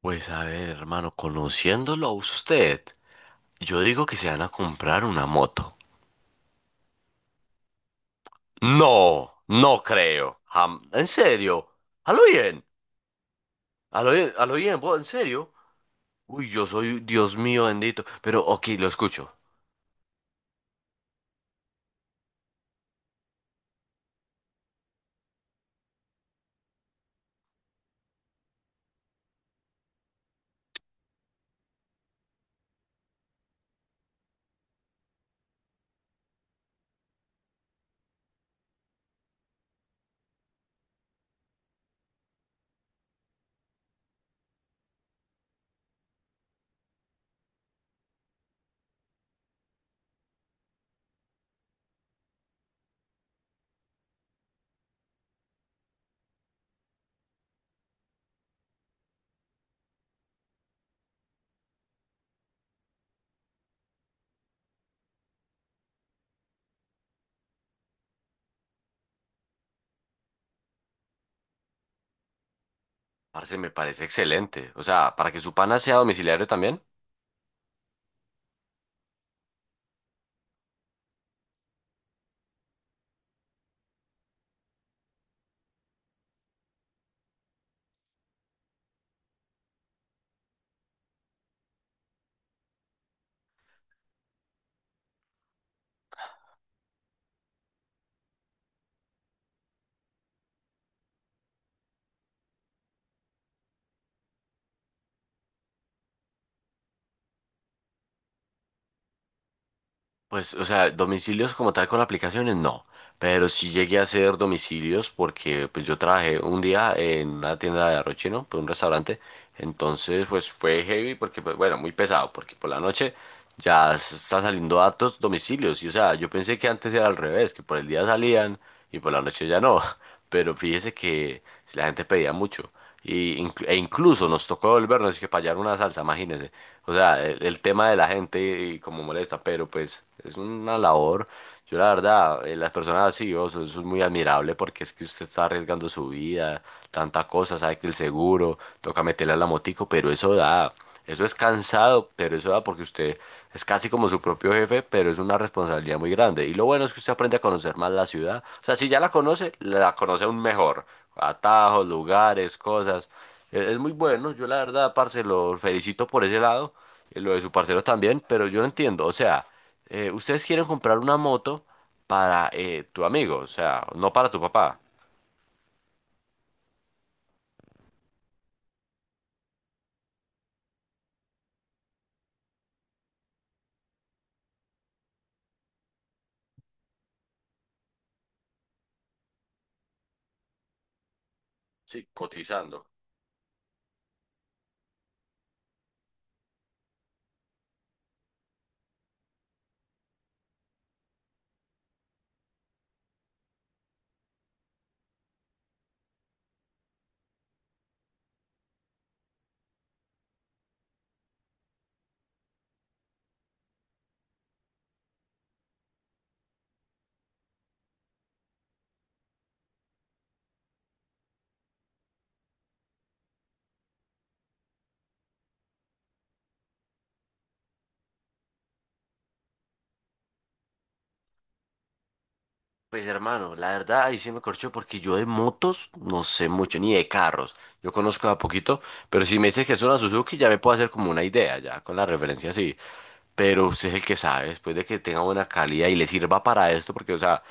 Pues a ver, hermano, conociéndolo a usted, yo digo que se van a comprar una moto. No, no creo. ¿En serio? ¿A lo bien? ¿A lo bien? ¿A lo bien? ¿En serio? Uy, yo soy Dios mío bendito. Pero, ok, lo escucho. Parce, me parece excelente. O sea, para que su pana sea domiciliario también. Pues, o sea, domicilios como tal con aplicaciones, no. Pero sí llegué a hacer domicilios porque pues yo trabajé un día en una tienda de arroz chino, pues un restaurante. Entonces, pues fue heavy porque, pues, bueno, muy pesado, porque por la noche ya está saliendo datos domicilios. Y o sea, yo pensé que antes era al revés, que por el día salían y por la noche ya no. Pero fíjese que la gente pedía mucho. Y, e incluso nos tocó devolvernos, es que para hallar una salsa, imagínese. O sea, el tema de la gente y, como molesta, pero pues es una labor. Yo la verdad, las personas así, oh, eso es muy admirable porque es que usted está arriesgando su vida, tanta cosa, sabe que el seguro, toca meterle a la motico, pero eso da, eso es cansado, pero eso da porque usted es casi como su propio jefe, pero es una responsabilidad muy grande. Y lo bueno es que usted aprende a conocer más la ciudad. O sea, si ya la conoce aún mejor. Atajos, lugares, cosas. Es muy bueno, yo la verdad, parce, lo felicito por ese lado, lo de su parcero también, pero yo no entiendo, o sea, ustedes quieren comprar una moto para tu amigo, o sea, no para tu papá. Sí, cotizando. Pues hermano, la verdad ahí sí me corchó porque yo de motos no sé mucho, ni de carros. Yo conozco a poquito, pero si me dices que es una Suzuki ya me puedo hacer como una idea, ya con la referencia así. Pero usted es el que sabe, después de que tenga buena calidad y le sirva para esto, porque o sea,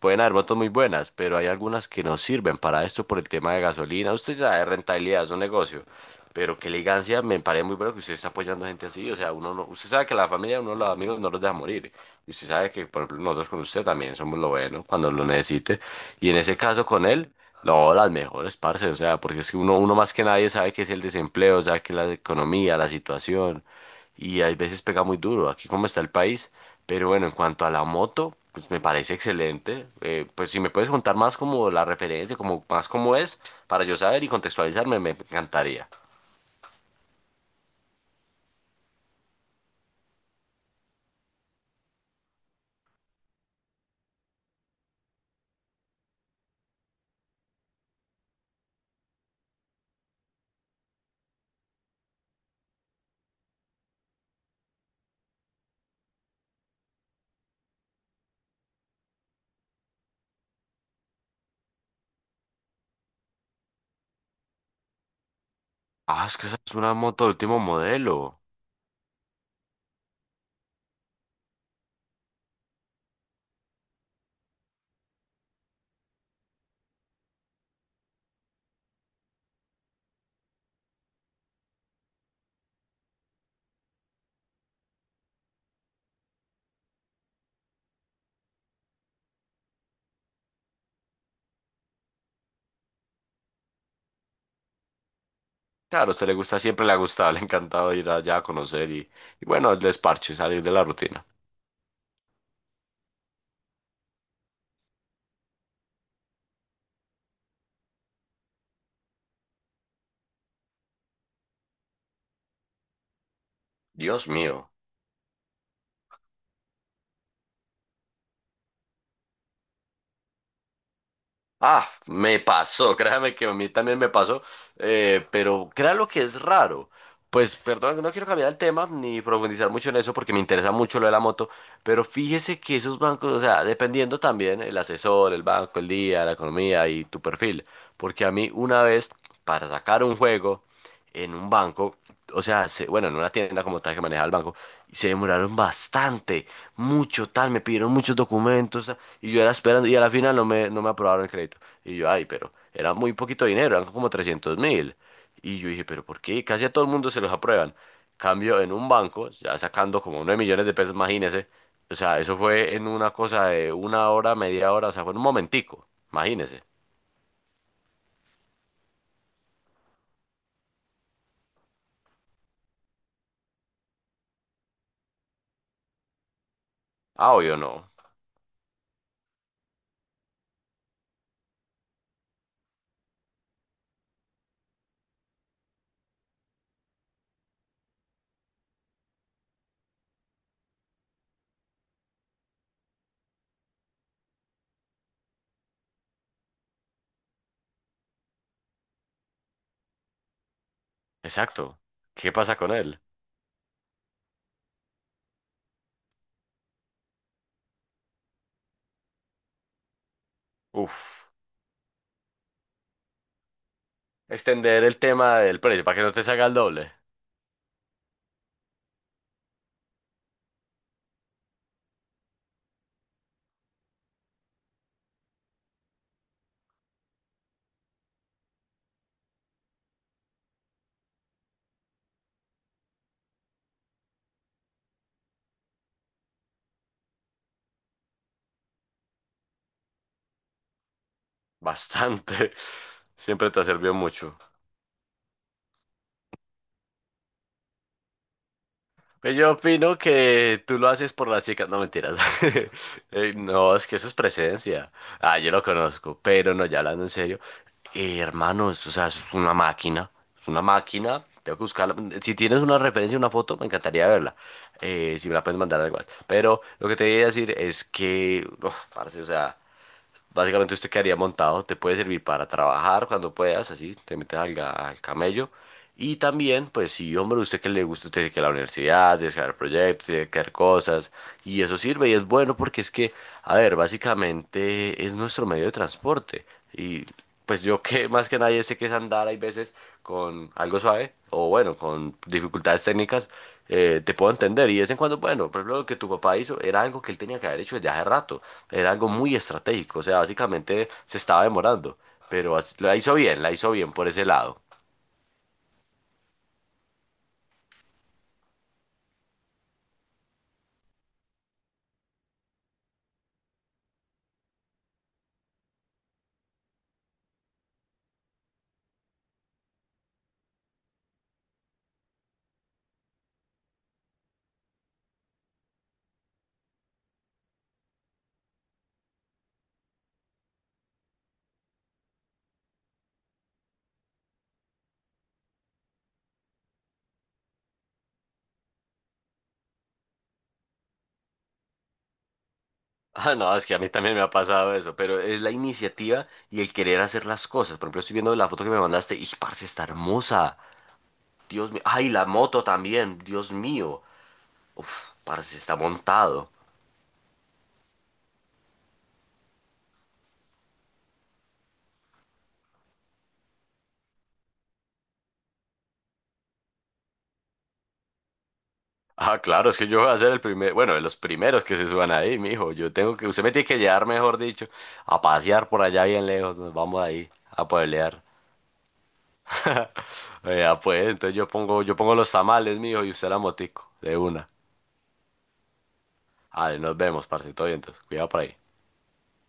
pueden haber motos muy buenas, pero hay algunas que no sirven para esto por el tema de gasolina. Usted sabe, rentabilidad es un negocio. Pero qué elegancia, me parece muy bueno que usted está apoyando a gente así. O sea, uno no, usted sabe que la familia, uno de los amigos no los deja morir. Y usted sabe que, por ejemplo, nosotros con usted también somos lo bueno cuando lo necesite. Y en ese caso con él, no, las mejores, parce. O sea, porque es que uno más que nadie sabe que es el desempleo, sabe que es la economía, la situación. Y hay veces pega muy duro, aquí como está el país. Pero bueno, en cuanto a la moto, pues me parece excelente. Pues si me puedes contar más como la referencia, como más cómo es, para yo saber y contextualizarme, me encantaría. Ah, es que esa es una moto de último modelo. Claro, a usted le gusta, siempre le ha gustado, le ha encantado ir allá a conocer y bueno, el desparche, salir de la rutina. Dios mío. Ah, me pasó, créame que a mí también me pasó, pero crea lo que es raro. Pues perdón, no quiero cambiar el tema ni profundizar mucho en eso porque me interesa mucho lo de la moto, pero fíjese que esos bancos, o sea, dependiendo también el asesor, el banco, el día, la economía y tu perfil, porque a mí una vez, para sacar un juego, en un banco, o sea, bueno, en una tienda como tal que manejaba el banco, y se demoraron bastante, mucho tal, me pidieron muchos documentos, tal, y yo era esperando, y a la final no me aprobaron el crédito. Y yo, ay, pero era muy poquito dinero, eran como 300.000. Y yo dije, pero ¿por qué? Casi a todo el mundo se los aprueban. Cambio en un banco, ya sacando como 9 millones de pesos, imagínese. O sea, eso fue en una cosa de una hora, media hora, o sea, fue en un momentico, imagínese. Ah, obvio no. Exacto. ¿Qué pasa con él? Uf. Extender el tema del precio para que no te salga el doble. Bastante. Siempre te ha servido mucho. Pero yo opino que tú lo haces por las chicas. No, mentiras. No, es que eso es presencia. Ah, yo lo conozco. Pero no, ya hablando en serio. Hermano, eso, o sea, eso es una máquina. Es una máquina. Tengo que buscarla. Si tienes una referencia, una foto, me encantaría verla. Si me la puedes mandar algo más. Pero lo que te voy a decir es que uf, parce, o sea, básicamente usted quedaría montado, te puede servir para trabajar cuando puedas, así, te metes al camello. Y también, pues sí, hombre, usted que le gusta, usted dice que la universidad, tiene que hacer proyectos, tiene que hacer cosas, y eso sirve y es bueno porque es que, a ver, básicamente es nuestro medio de transporte. Y pues yo que más que nadie sé que es andar, hay veces con algo suave o bueno, con dificultades técnicas, te puedo entender. Y de vez en cuando, bueno, por ejemplo, lo que tu papá hizo era algo que él tenía que haber hecho desde hace rato, era algo muy estratégico, o sea, básicamente se estaba demorando, pero la hizo bien por ese lado. Ah, no, es que a mí también me ha pasado eso, pero es la iniciativa y el querer hacer las cosas. Por ejemplo, estoy viendo la foto que me mandaste y, parce, está hermosa. Dios mío. Ay, la moto también, Dios mío. Uf, parce, está montado. Ah, claro, es que yo voy a ser el primer, bueno, de los primeros que se suban ahí, mijo. Yo tengo que, usted me tiene que llevar, mejor dicho, a pasear por allá bien lejos. Nos vamos ahí a pueblear. Ya pues, entonces yo pongo los tamales, mijo, y usted la motico, de una. Vale, nos vemos, parce, todo bien, entonces, cuidado por ahí.